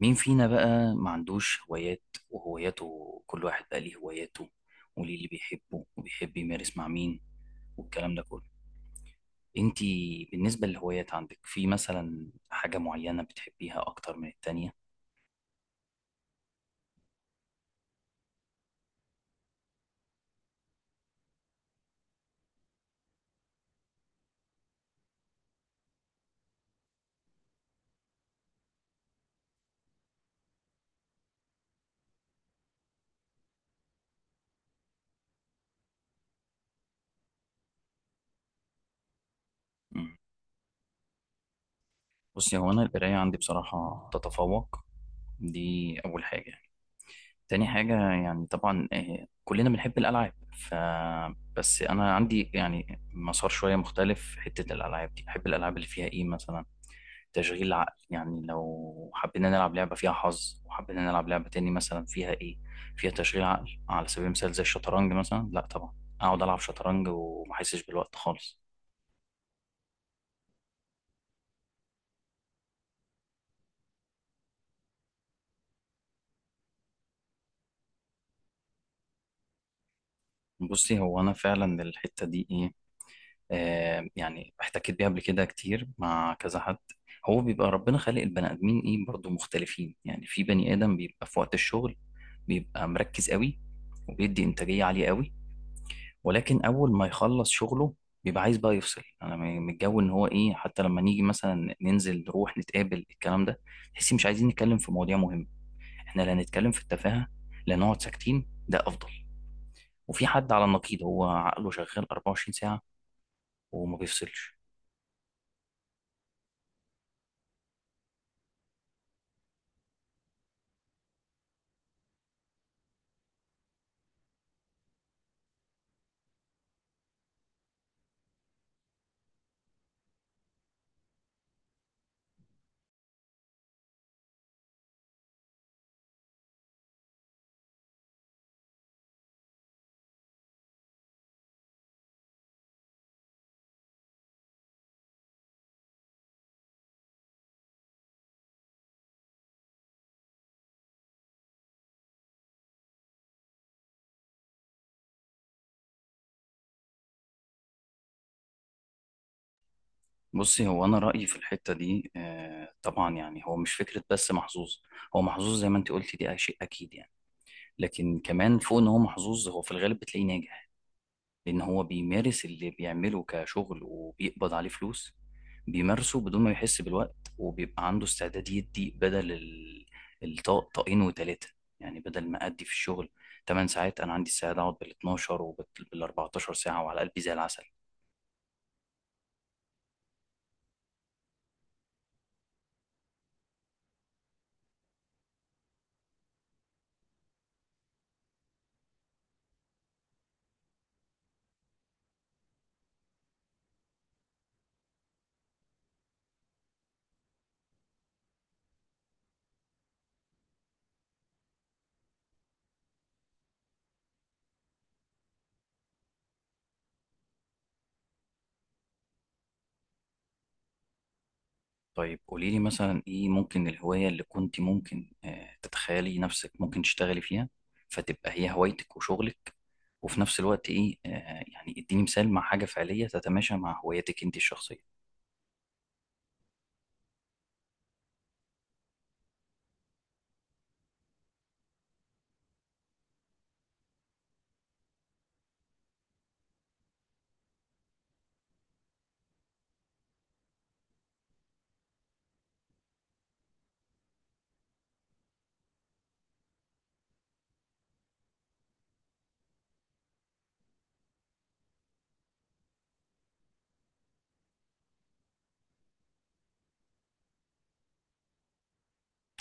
مين فينا بقى ما عندوش هوايات وهواياته، كل واحد بقى ليه هواياته وليه اللي بيحبه وبيحب يمارس مع مين والكلام ده كله. انتي بالنسبة للهوايات عندك في مثلا حاجة معينة بتحبيها أكتر من التانية؟ مم. بصي، هو أنا القراية عندي بصراحة تتفوق، دي أول حاجة يعني. تاني حاجة يعني طبعا كلنا بنحب الألعاب، ف بس أنا عندي يعني مسار شوية مختلف في حتة الألعاب دي. بحب الألعاب اللي فيها إيه مثلا، تشغيل العقل. يعني لو حبينا نلعب لعبة فيها حظ وحبينا نلعب لعبة تاني مثلا فيها ايه، فيها تشغيل عقل على سبيل المثال زي الشطرنج مثلا، لا طبعا اقعد العب شطرنج وما احسش بالوقت خالص. بصي هو انا فعلا الحتة دي ايه، آه يعني احتكيت بيها قبل كده كتير مع كذا حد. هو بيبقى ربنا خالق البني ادمين ايه برضو مختلفين. يعني في بني ادم بيبقى في وقت الشغل بيبقى مركز قوي وبيدي انتاجية عالية قوي، ولكن اول ما يخلص شغله بيبقى عايز بقى يفصل. انا من الجو ان هو ايه، حتى لما نيجي مثلا ننزل نروح نتقابل، الكلام ده تحسي مش عايزين نتكلم في مواضيع مهمه، احنا لا نتكلم في التفاهه لا نقعد ساكتين ده افضل. وفي حد على النقيض هو عقله شغال 24 ساعه وما بيفصلش. بصي هو انا رايي في الحته دي طبعا يعني، هو مش فكره بس محظوظ، هو محظوظ زي ما انت قلتي دي شيء اكيد يعني. لكن كمان فوق ان هو محظوظ هو في الغالب بتلاقيه ناجح، لأن هو بيمارس اللي بيعمله كشغل وبيقبض عليه فلوس، بيمارسه بدون ما يحس بالوقت وبيبقى عنده استعداد يدي بدل الطاق، طاقين وتلاتة. يعني بدل ما أدي في الشغل 8 ساعات، أنا عندي استعداد أقعد بال 12 وبال 14 ساعة وعلى قلبي زي العسل. طيب قولي لي مثلا إيه ممكن الهواية اللي كنت ممكن تتخيلي نفسك ممكن تشتغلي فيها فتبقى هي هوايتك وشغلك، وفي نفس الوقت إيه يعني اديني مثال مع حاجة فعلية تتماشى مع هوايتك أنت الشخصية.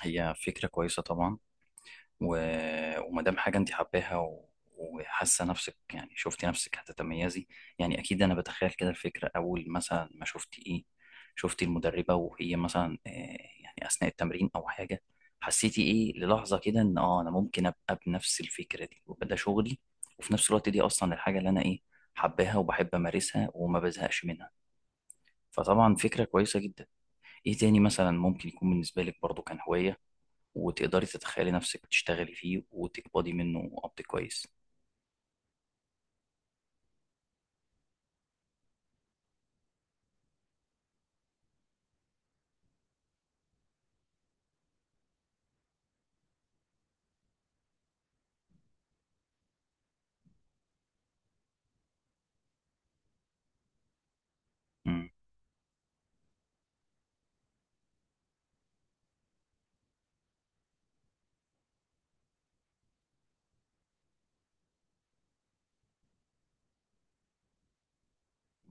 هي فكرة كويسة طبعا. و... وما دام حاجة انت حباها وحاسة نفسك، يعني شفتي نفسك هتتميزي، يعني اكيد انا بتخيل كده الفكرة. اول مثلا ما شفتي ايه، شفتي المدربة وهي مثلا يعني اثناء التمرين او حاجة، حسيتي ايه للحظة كده ان اه انا ممكن ابقى بنفس الفكرة دي ويبقى ده شغلي، وفي نفس الوقت دي اصلا الحاجة اللي انا ايه حباها وبحب امارسها وما بزهقش منها. فطبعا فكرة كويسة جدا. ايه تاني مثلا ممكن يكون بالنسبة لك برضو كان هواية وتقدري تتخيلي نفسك بتشتغلي فيه وتقبضي منه قبض كويس؟ مم.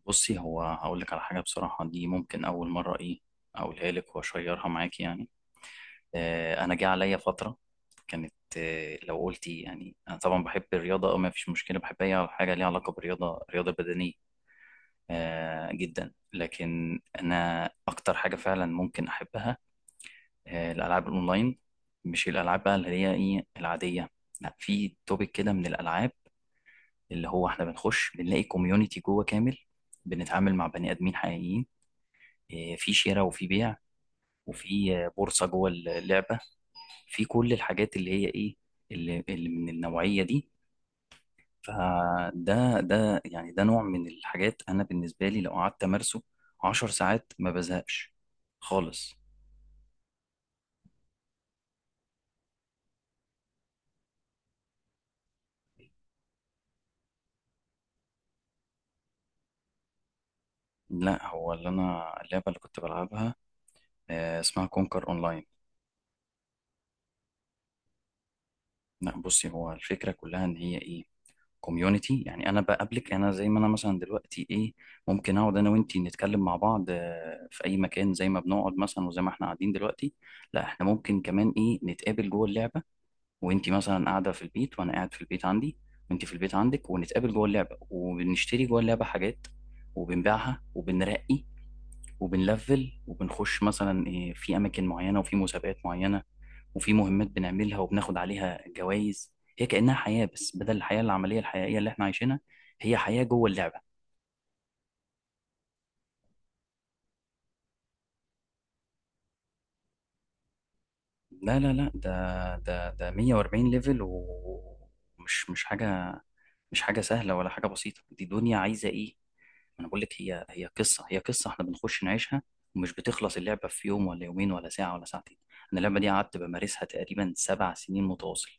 بصي هو هقول لك على حاجة بصراحة دي ممكن أول مرة إيه أقولها لك وأشيرها معاك يعني. آه أنا جه عليا فترة كانت، آه لو قلتي يعني أنا طبعا بحب الرياضة أو ما فيش مشكلة بحب أي حاجة ليها علاقة بالرياضة، رياضة بدنية آه جدا، لكن أنا أكتر حاجة فعلا ممكن أحبها آه الألعاب الأونلاين. مش الألعاب بقى اللي هي إيه العادية، لا في توبيك كده من الألعاب اللي هو احنا بنخش بنلاقي كوميونتي جوه كامل، بنتعامل مع بني ادمين حقيقيين، إيه، في شراء وفي بيع وفي بورصه جوه اللعبه، في كل الحاجات اللي هي ايه اللي من النوعيه دي. فده ده نوع من الحاجات انا بالنسبه لي لو قعدت امارسه 10 ساعات ما بزهقش خالص. لا، هو اللي انا اللعبه اللي كنت بلعبها اسمها كونكر اونلاين. لا بصي هو الفكره كلها ان هي ايه، كوميونتي. يعني انا بقابلك انا زي ما انا مثلا دلوقتي ايه، ممكن اقعد انا وانتي نتكلم مع بعض في اي مكان زي ما بنقعد مثلا وزي ما احنا قاعدين دلوقتي. لا احنا ممكن كمان ايه نتقابل جوه اللعبه، وانتي مثلا قاعده في البيت وانا قاعد في البيت عندي وانتي في البيت عندك، ونتقابل جوه اللعبه وبنشتري جوه اللعبه حاجات وبنبيعها وبنرقي وبنلفل وبنخش مثلا إيه في اماكن معينه وفي مسابقات معينه وفي مهمات بنعملها وبناخد عليها جوائز. هي كأنها حياة، بس بدل الحياة العملية الحقيقية اللي احنا عايشينها هي حياة جوه اللعبة. لا لا لا، ده 140 ليفل، ومش مش حاجة، مش حاجة سهلة ولا حاجة بسيطة، دي دنيا عايزة ايه. انا بقول لك هي هي قصة، هي قصة احنا بنخش نعيشها، ومش بتخلص اللعبة في يوم ولا يومين ولا ساعة ولا ساعتين. انا اللعبة دي قعدت بمارسها تقريبا 7 سنين متواصل.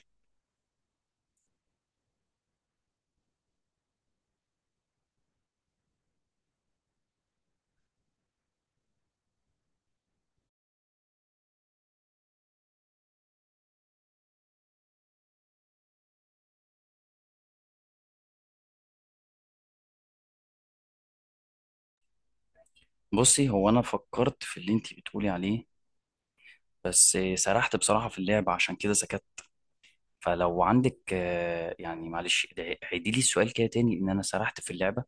بصي هو انا فكرت في اللي انتي بتقولي عليه بس سرحت بصراحة في اللعبة عشان كده سكت. فلو عندك يعني معلش عيدي لي السؤال كده تاني ان انا سرحت في اللعبة.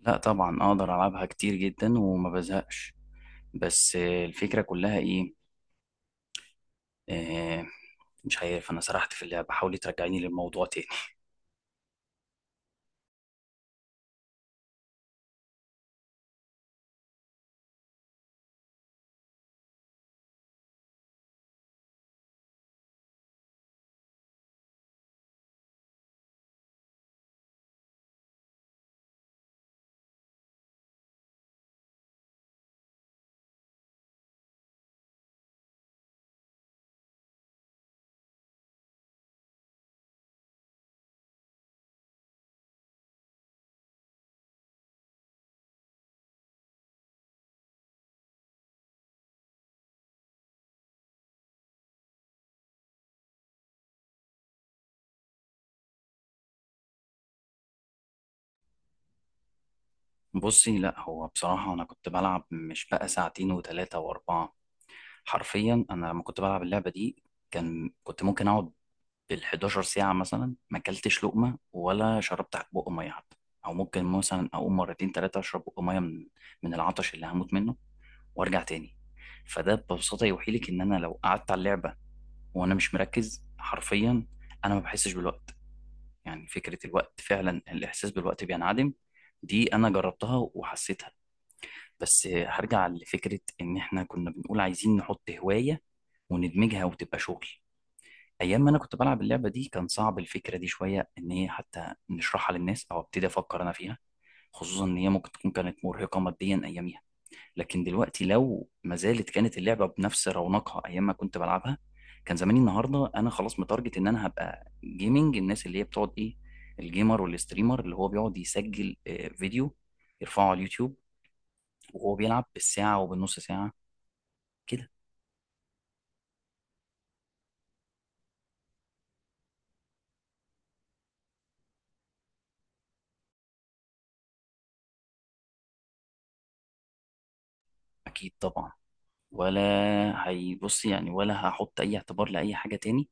لا طبعا اقدر العبها كتير جدا وما بزهقش. بس الفكرة كلها ايه آه، مش عارف انا سرحت في اللعبة حاولي ترجعيني للموضوع تاني. بصي لا هو بصراحة انا كنت بلعب مش بقى ساعتين وثلاثة واربعة، حرفيا انا لما كنت بلعب اللعبة دي كان كنت ممكن اقعد بال 11 ساعة مثلا ما اكلتش لقمة ولا شربت بق مية حتى، او ممكن مثلا اقوم مرتين تلاتة اشرب بق مية من العطش اللي هموت منه وارجع تاني. فده ببساطة يوحي لك ان انا لو قعدت على اللعبة وانا مش مركز، حرفيا انا ما بحسش بالوقت، يعني فكرة الوقت فعلا الاحساس بالوقت بينعدم. دي انا جربتها وحسيتها. بس هرجع لفكرة ان احنا كنا بنقول عايزين نحط هواية وندمجها وتبقى شغل. ايام ما انا كنت بلعب اللعبه دي كان صعب الفكره دي شويه ان هي حتى نشرحها للناس او ابتدي افكر انا فيها، خصوصا ان هي ممكن تكون كانت مرهقه ماديا اياميها. لكن دلوقتي لو ما زالت كانت اللعبه بنفس رونقها ايام ما كنت بلعبها، كان زماني النهارده انا خلاص متارجت ان انا هبقى جيمنج، الناس اللي هي بتقعد ايه، الجيمر والستريمر اللي هو بيقعد يسجل فيديو يرفعه على اليوتيوب وهو بيلعب بالساعه وبالنص ساعه كده. اكيد طبعا، ولا هيبص يعني ولا هحط اي اعتبار لاي حاجه تاني،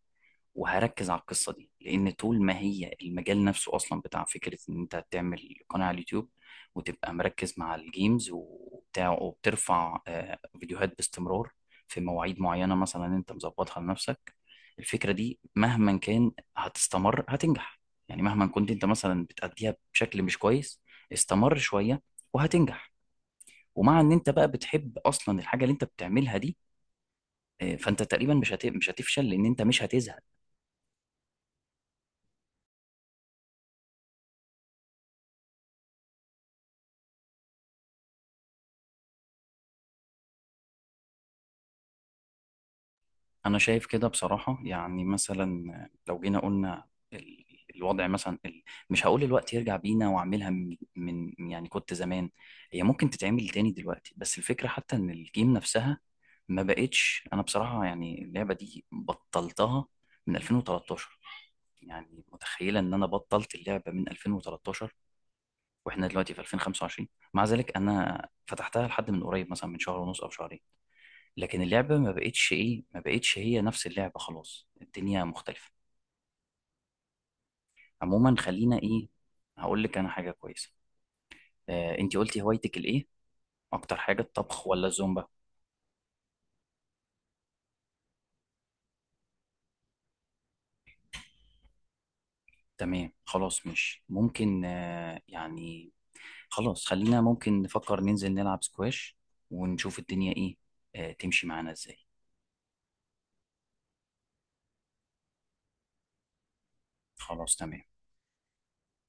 وهركز على القصه دي، لان طول ما هي المجال نفسه اصلا بتاع فكره ان انت تعمل قناه على اليوتيوب وتبقى مركز مع الجيمز وبتاع وبترفع فيديوهات باستمرار في مواعيد معينه مثلا انت مظبطها لنفسك، الفكره دي مهما كان هتستمر هتنجح. يعني مهما كنت انت مثلا بتأديها بشكل مش كويس، استمر شويه وهتنجح، ومع ان انت بقى بتحب اصلا الحاجه اللي انت بتعملها دي فانت تقريبا مش هتفشل لان انت مش هتزهق. انا شايف كده بصراحة، يعني مثلا لو جينا قلنا ال- الوضع مثلا مش هقول الوقت يرجع بينا واعملها من يعني كنت زمان، هي ممكن تتعمل تاني دلوقتي، بس الفكرة حتى ان الجيم نفسها ما بقتش. انا بصراحة يعني اللعبة دي بطلتها من 2013. يعني متخيلة ان انا بطلت اللعبة من 2013 واحنا دلوقتي في 2025. مع ذلك انا فتحتها لحد من قريب مثلا من شهر ونص او شهرين، لكن اللعبة ما بقتش هي نفس اللعبة، خلاص الدنيا مختلفة. عموما خلينا ايه، هقول لك انا حاجة كويسة. آه انتي قلتي هوايتك الايه اكتر حاجة، الطبخ ولا الزومبا؟ تمام خلاص مش ممكن آه يعني، خلاص خلينا ممكن نفكر ننزل نلعب سكواش ونشوف الدنيا ايه آه تمشي معانا ازاي. خلاص تمام.